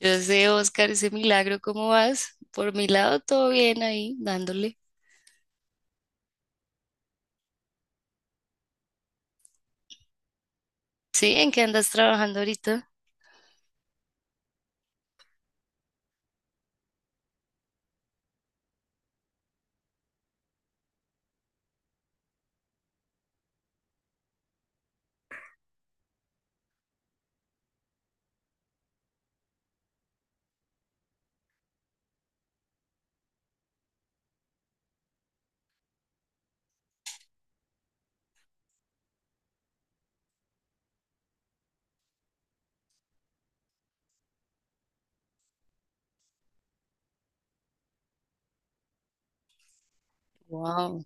Yo sé, Oscar, ese milagro, ¿cómo vas? Por mi lado, todo bien ahí, dándole. Sí, ¿en qué andas trabajando ahorita? Wow.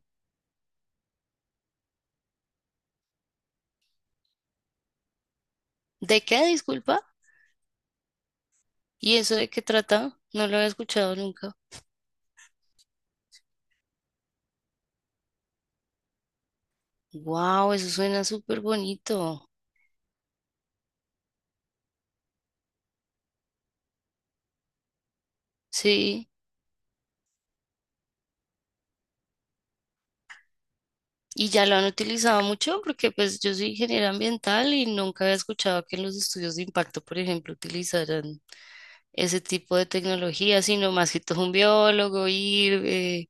¿De qué, disculpa? ¿Y eso de qué trata? No lo había escuchado nunca. Wow, eso suena súper bonito. Sí. ¿Y ya lo han utilizado mucho? Porque pues yo soy ingeniera ambiental y nunca había escuchado que en los estudios de impacto, por ejemplo, utilizaran ese tipo de tecnología, sino más que todo un biólogo ir,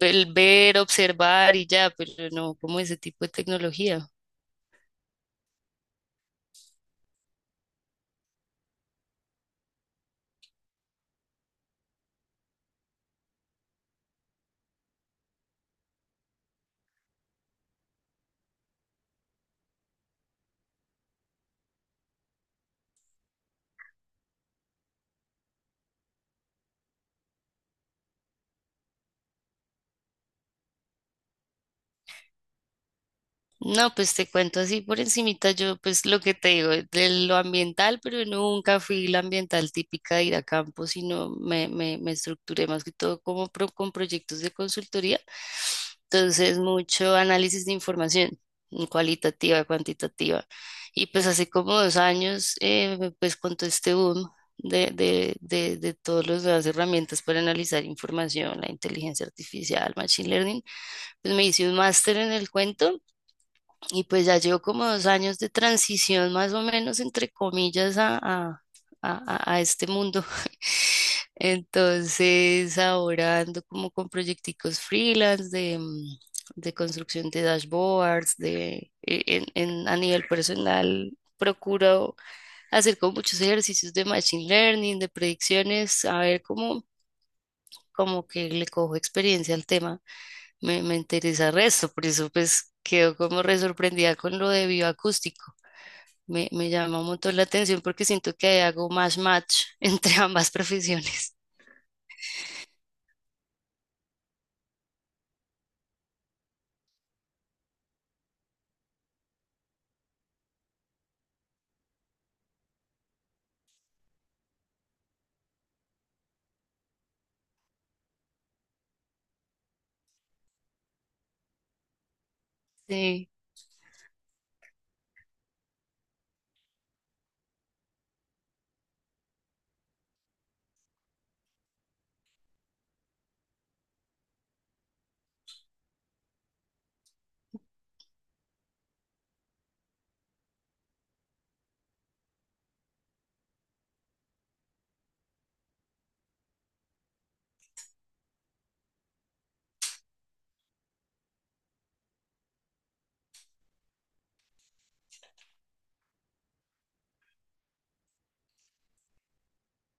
el ver, observar y ya, pero no como ese tipo de tecnología. No, pues te cuento así por encimita, yo pues lo que te digo, de lo ambiental, pero nunca fui la ambiental típica de ir a campo, sino me estructuré más que todo como con proyectos de consultoría. Entonces, mucho análisis de información, mm, cualitativa, cuantitativa. Y pues hace como dos años, pues con todo este boom de todas las nuevas herramientas para analizar información, la inteligencia artificial, machine learning, pues me hice un máster en el cuento y pues ya llevo como dos años de transición, más o menos, entre comillas, a este mundo. Entonces, ahora ando como con proyecticos freelance de, mm, de construcción de dashboards, de, e- en- a nivel personal, procuro hacer como muchos ejercicios de machine learning, de predicciones, a ver cómo como que le cojo experiencia al tema, me interesa el resto, por eso pues quedo como re sorprendida con lo de bioacústico. Me llama un montón la atención porque siento que ahí hago más match entre ambas profesiones. Sí,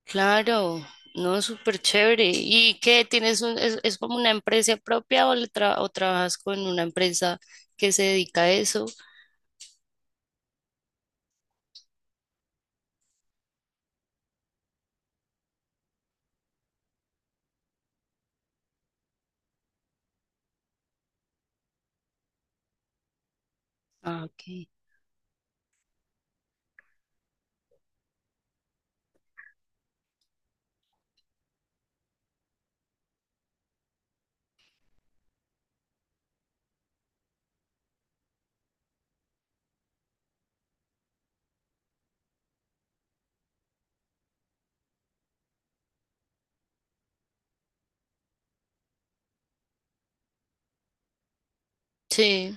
claro, no, súper chévere. ¿Y qué tienes un, es como una empresa propia o, o trabajas con una empresa que se dedica a eso? Ah, ok. Sí.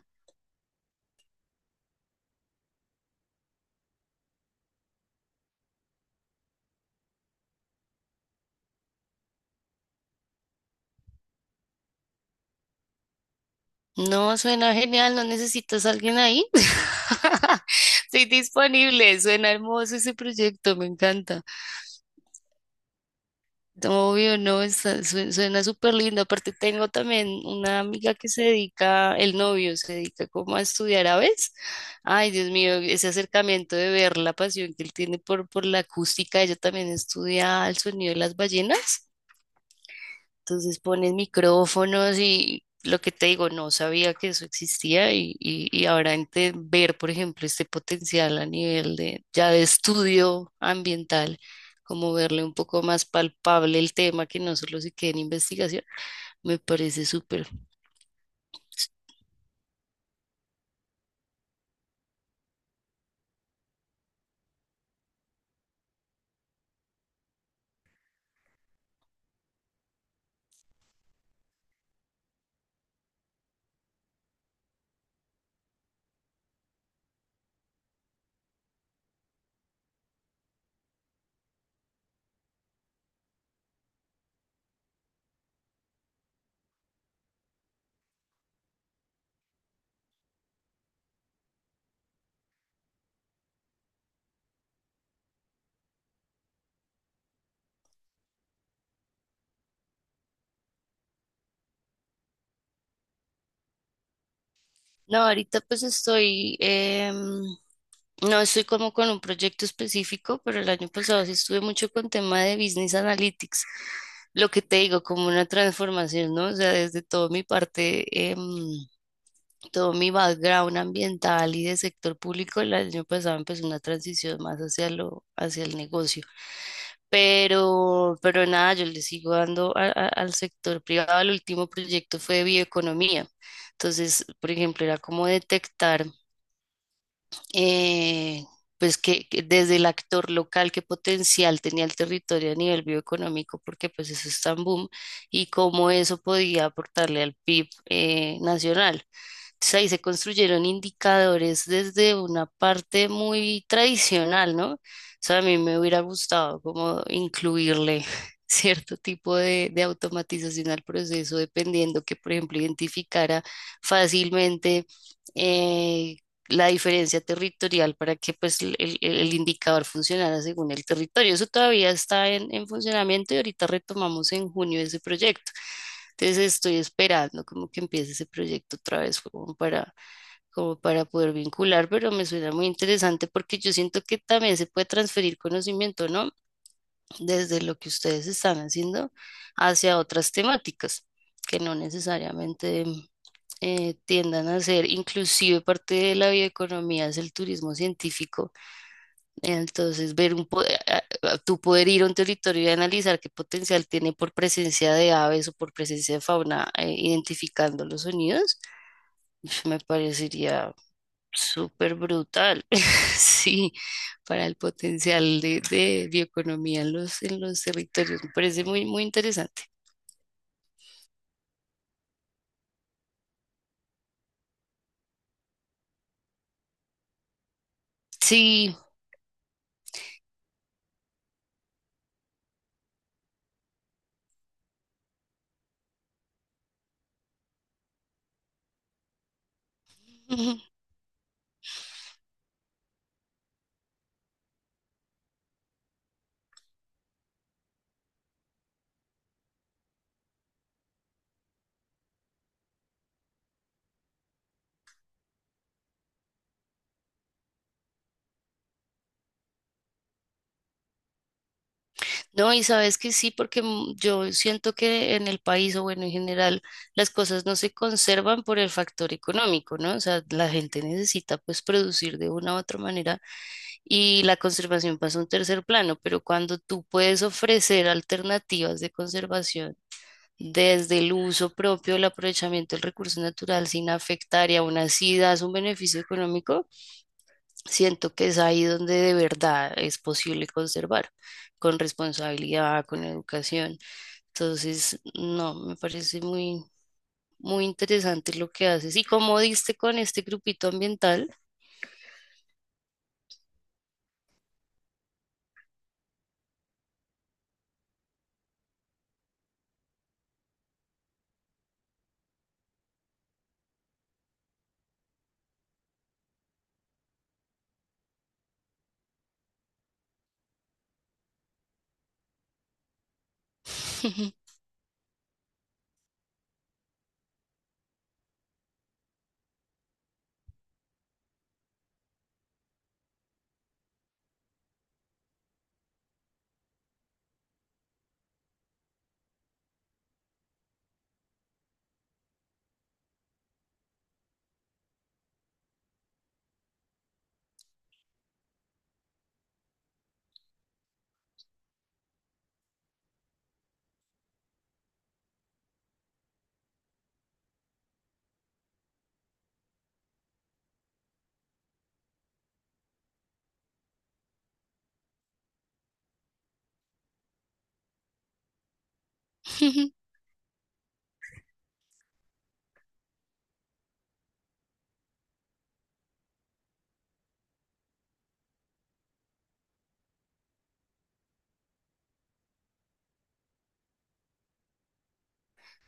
No, suena genial, ¿no necesitas a alguien ahí? Estoy disponible, suena hermoso ese proyecto, me encanta. Obvio, no, suena súper lindo. Aparte tengo también una amiga que se dedica, el novio se dedica como a estudiar aves. Ay, Dios mío, ese acercamiento de ver la pasión que él tiene por la acústica, ella también estudia el sonido de las ballenas. Entonces pones micrófonos y lo que te digo, no sabía que eso existía y ver, por ejemplo, este potencial a nivel de ya de estudio ambiental, como verle un poco más palpable el tema que no solo se quede en investigación, me parece súper. No, ahorita pues estoy, no estoy como con un proyecto específico, pero el año pasado sí estuve mucho con tema de Business Analytics. Lo que te digo, como una transformación, ¿no? O sea, desde todo mi parte, todo mi background ambiental y de sector público, el año pasado empezó una transición más hacia lo, hacia el negocio. Pero nada, yo le sigo dando al sector privado. El último proyecto fue de bioeconomía. Entonces, por ejemplo, era como detectar eh, pues que desde el actor local, qué potencial tenía el territorio a nivel bioeconómico, porque pues eso es tan boom, y cómo eso podía aportarle al PIB, nacional. Entonces ahí se construyeron indicadores desde una parte muy tradicional, ¿no? O sea, a mí me hubiera gustado como incluirle cierto tipo de automatización al proceso, dependiendo que, por ejemplo, identificara fácilmente, eh, la diferencia territorial para que pues el indicador funcionara según el territorio. Eso todavía está en funcionamiento y ahorita retomamos en junio ese proyecto. Entonces estoy esperando como que empiece ese proyecto otra vez como para, como para poder vincular, pero me suena muy interesante porque yo siento que también se puede transferir conocimiento, ¿no? Desde lo que ustedes están haciendo hacia otras temáticas que no necesariamente tiendan a ser inclusive parte de la bioeconomía es el turismo científico. Entonces, ver un, po- a- tú poder ir a un territorio y analizar qué potencial tiene por presencia de aves o por presencia de fauna, identificando los sonidos, uf, me parecería súper brutal. Sí, para el potencial de bioeconomía en los territorios, me parece muy, muy interesante. Sí. No, y sabes que sí, porque mm, yo siento que en el país, o bueno, en general, las cosas no se conservan por el factor económico, ¿no? O sea, la gente necesita pues producir de una u otra manera y la conservación pasa a un tercer plano, pero cuando tú puedes ofrecer alternativas de conservación desde el uso propio, el aprovechamiento del recurso natural sin afectar y aún así das un beneficio económico, siento que es ahí donde de verdad es posible conservar, con responsabilidad, con educación. Entonces, no, me parece muy interesante lo que haces. ¿Y como diste con este grupito ambiental?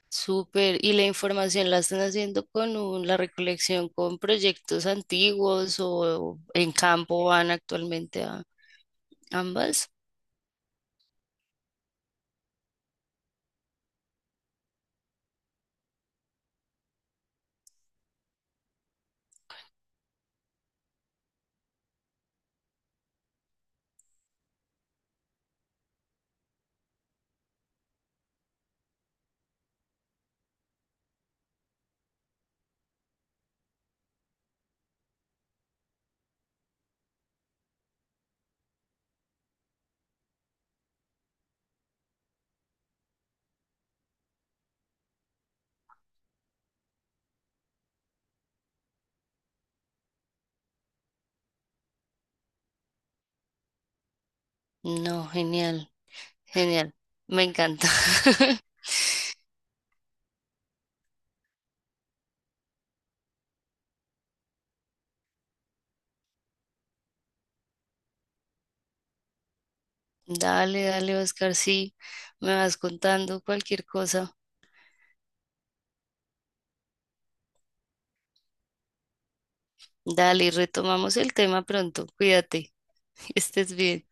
Súper. Y la información la están haciendo con la recolección con proyectos antiguos o, en campo van actualmente a ambas. No, genial, genial. Me encanta. Dale, dale, Oscar, sí, me vas contando cualquier cosa. Dale, retomamos el tema pronto. Cuídate, que estés bien.